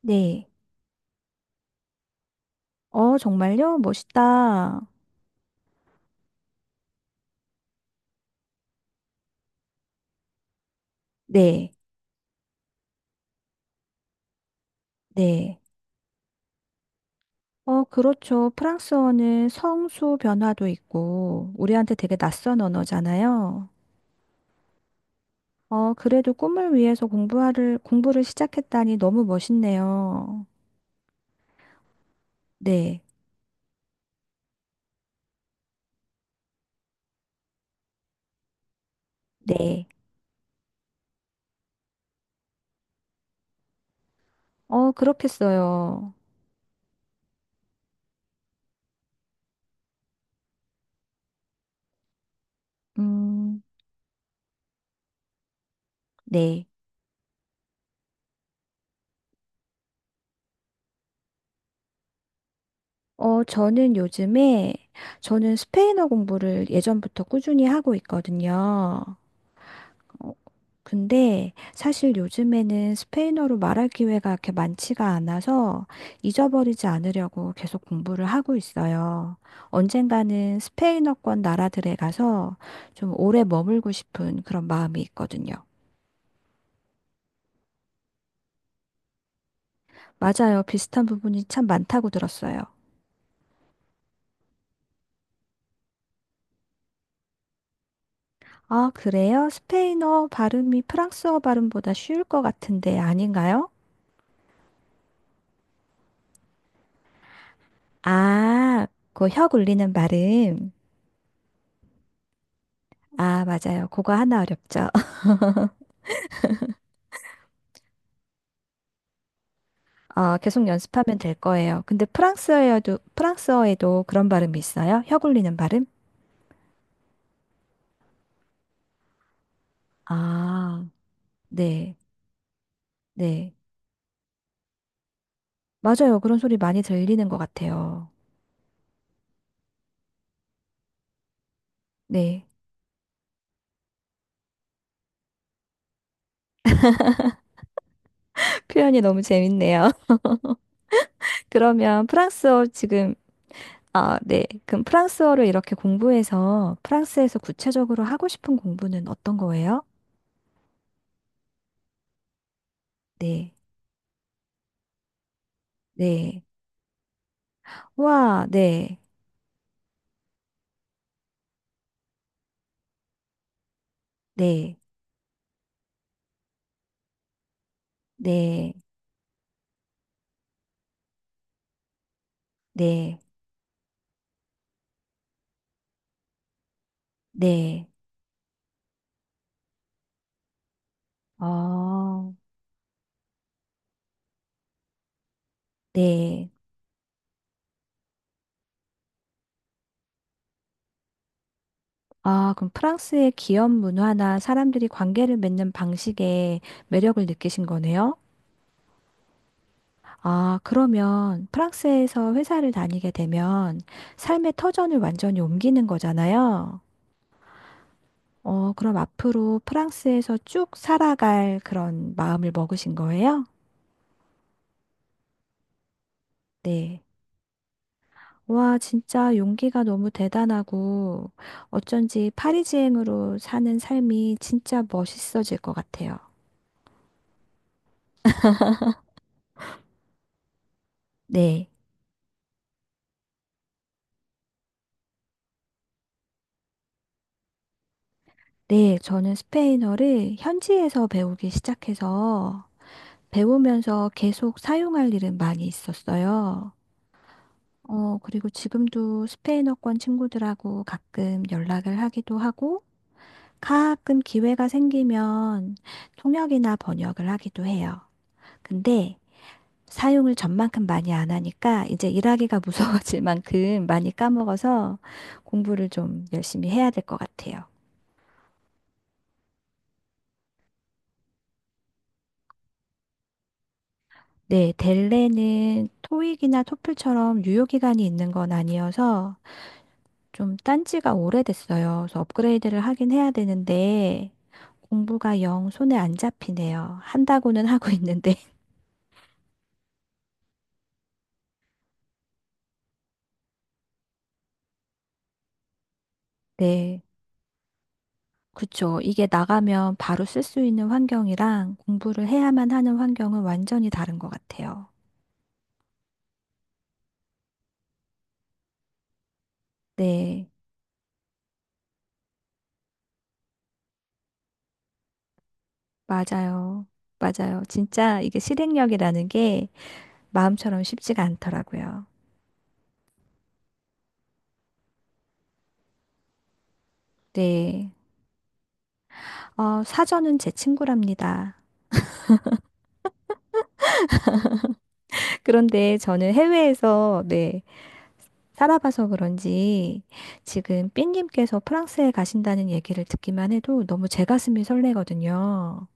네. 어, 정말요? 멋있다. 네. 네. 어, 그렇죠. 프랑스어는 성수 변화도 있고, 우리한테 되게 낯선 언어잖아요. 어, 그래도 꿈을 위해서 공부를 시작했다니 너무 멋있네요. 네. 네. 어, 그렇겠어요. 음, 네. 어, 저는 스페인어 공부를 예전부터 꾸준히 하고 있거든요. 어, 근데 사실 요즘에는 스페인어로 말할 기회가 그렇게 많지가 않아서 잊어버리지 않으려고 계속 공부를 하고 있어요. 언젠가는 스페인어권 나라들에 가서 좀 오래 머물고 싶은 그런 마음이 있거든요. 맞아요. 비슷한 부분이 참 많다고 들었어요. 아, 그래요? 스페인어 발음이 프랑스어 발음보다 쉬울 것 같은데 아닌가요? 아, 그 혀 굴리는 발음. 아, 맞아요. 그거 하나 어렵죠. 어, 계속 연습하면 될 거예요. 근데 프랑스어에도 그런 발음이 있어요? 혀 굴리는 발음? 아, 네, 네. 맞아요. 그런 소리 많이 들리는 것 같아요. 네. 표현이 너무 재밌네요. 그러면 프랑스어 지금, 아, 네. 그럼 프랑스어를 이렇게 공부해서 프랑스에서 구체적으로 하고 싶은 공부는 어떤 거예요? 네, 네. 와, 네, 네, 네, 네, 네. 어, 네. 아, 그럼 프랑스의 기업 문화나 사람들이 관계를 맺는 방식에 매력을 느끼신 거네요? 아, 그러면 프랑스에서 회사를 다니게 되면 삶의 터전을 완전히 옮기는 거잖아요? 어, 그럼 앞으로 프랑스에서 쭉 살아갈 그런 마음을 먹으신 거예요? 네. 와, 진짜 용기가 너무 대단하고 어쩐지 파리지앵으로 사는 삶이 진짜 멋있어질 것 같아요. 네. 네, 저는 스페인어를 현지에서 배우기 시작해서 배우면서 계속 사용할 일은 많이 있었어요. 어, 그리고 지금도 스페인어권 친구들하고 가끔 연락을 하기도 하고 가끔 기회가 생기면 통역이나 번역을 하기도 해요. 근데 사용을 전만큼 많이 안 하니까 이제 일하기가 무서워질 만큼 많이 까먹어서 공부를 좀 열심히 해야 될 것 같아요. 네, 델레는 토익이나 토플처럼 유효 기간이 있는 건 아니어서 좀 딴지가 오래됐어요. 그래서 업그레이드를 하긴 해야 되는데 공부가 영 손에 안 잡히네요. 한다고는 하고 있는데. 네, 그쵸. 이게 나가면 바로 쓸 수 있는 환경이랑 공부를 해야만 하는 환경은 완전히 다른 것 같아요. 네, 맞아요. 맞아요. 진짜 이게 실행력이라는 게 마음처럼 쉽지가 않더라고요. 네. 어, 사전은 제 친구랍니다. 그런데 저는 해외에서, 네, 살아봐서 그런지 지금 삐님께서 프랑스에 가신다는 얘기를 듣기만 해도 너무 제 가슴이 설레거든요.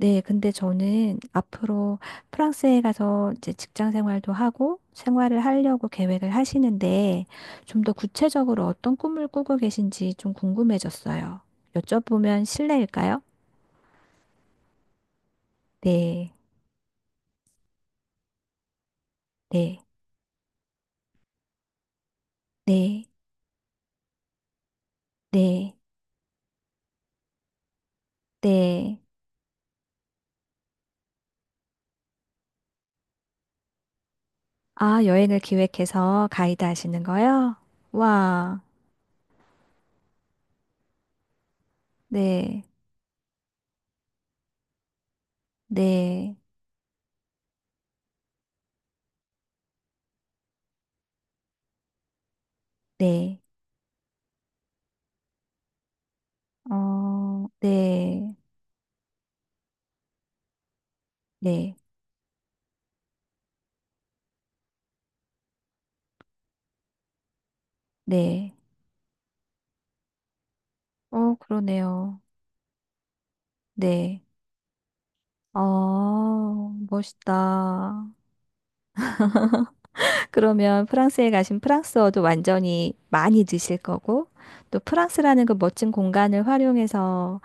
네, 근데 저는 앞으로 프랑스에 가서 이제 직장 생활도 하고 생활을 하려고 계획을 하시는데 좀 더 구체적으로 어떤 꿈을 꾸고 계신지 좀 궁금해졌어요. 여쭤보면 실례일까요? 네, 네, 네, 네, 네. 아, 여행을 기획해서 가이드 하시는 거요? 와, 네, 네, 네, 어, 네, 네, 네. 어, 그러네요. 네. 어, 멋있다. 그러면 프랑스에 가신 프랑스어도 완전히 많이 드실 거고, 또 프랑스라는 그 멋진 공간을 활용해서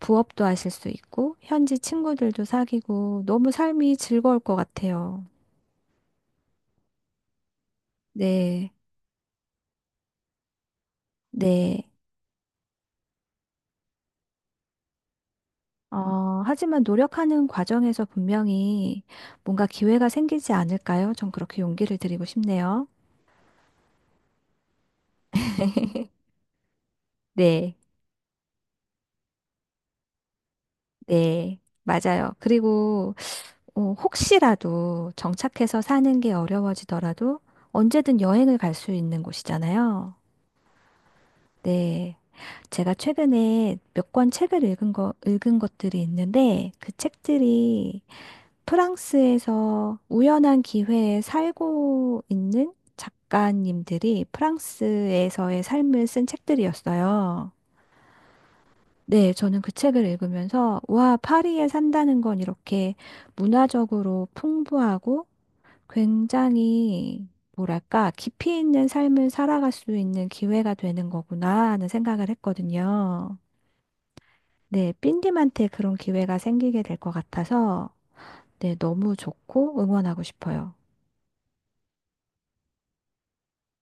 부업도 하실 수 있고, 현지 친구들도 사귀고, 너무 삶이 즐거울 것 같아요. 네, 네. 어, 하지만 노력하는 과정에서 분명히 뭔가 기회가 생기지 않을까요? 전 그렇게 용기를 드리고 싶네요. 네, 네, 맞아요. 그리고 어, 혹시라도 정착해서 사는 게 어려워지더라도 언제든 여행을 갈 수 있는 곳이잖아요. 네, 제가 최근에 몇 권 책을 읽은 것들이 있는데 그 책들이 프랑스에서 우연한 기회에 살고 있는 작가님들이 프랑스에서의 삶을 쓴 책들이었어요. 네, 저는 그 책을 읽으면서, 와, 파리에 산다는 건 이렇게 문화적으로 풍부하고 굉장히, 뭐랄까, 깊이 있는 삶을 살아갈 수 있는 기회가 되는 거구나 하는 생각을 했거든요. 네, 삔님한테 그런 기회가 생기게 될 것 같아서, 네, 너무 좋고 응원하고 싶어요.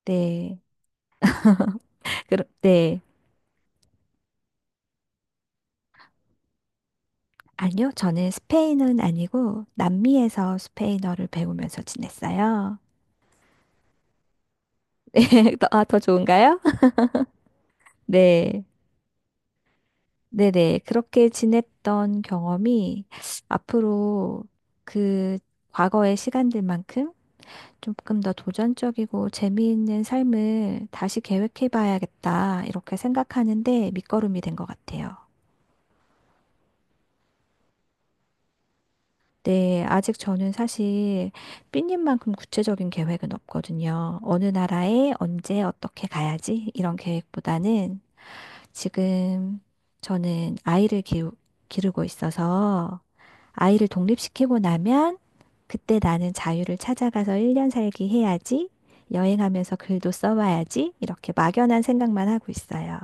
네. 그럼, 네. 아니요, 저는 스페인은 아니고 남미에서 스페인어를 배우면서 지냈어요. 네, 더 좋은가요? 네, 네네. 그렇게 지냈던 경험이 앞으로 그 과거의 시간들만큼 조금 더 도전적이고 재미있는 삶을 다시 계획해 봐야겠다, 이렇게 생각하는데 밑거름이 된 것 같아요. 네, 아직 저는 사실 삐님만큼 구체적인 계획은 없거든요. 어느 나라에 언제 어떻게 가야지 이런 계획보다는 지금 저는 기르고 있어서 아이를 독립시키고 나면 그때 나는 자유를 찾아가서 1년 살기 해야지, 여행하면서 글도 써와야지 이렇게 막연한 생각만 하고 있어요.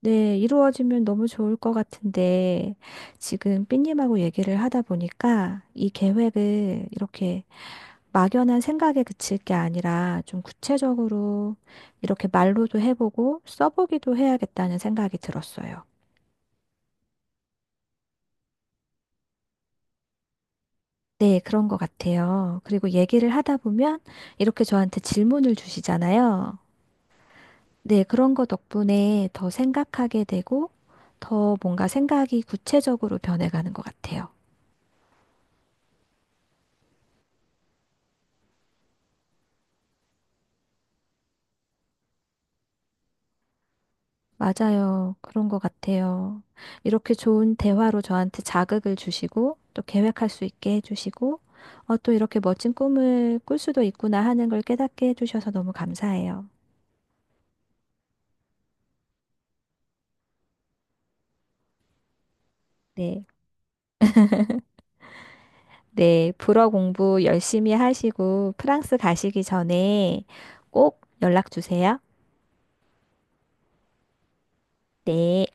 네, 이루어지면 너무 좋을 것 같은데, 지금 삐님하고 얘기를 하다 보니까 이 계획을 이렇게 막연한 생각에 그칠 게 아니라 좀 구체적으로 이렇게 말로도 해보고 써보기도 해야겠다는 생각이 들었어요. 네, 그런 것 같아요. 그리고 얘기를 하다 보면 이렇게 저한테 질문을 주시잖아요. 네, 그런 거 덕분에 더 생각하게 되고 더 뭔가 생각이 구체적으로 변해가는 것 같아요. 맞아요. 그런 것 같아요. 이렇게 좋은 대화로 저한테 자극을 주시고, 또 계획할 수 있게 해주시고, 어, 또 이렇게 멋진 꿈을 꿀 수도 있구나 하는 걸 깨닫게 해주셔서 너무 감사해요. 네. 네. 불어 공부 열심히 하시고, 프랑스 가시기 전에 꼭 연락 주세요. 네.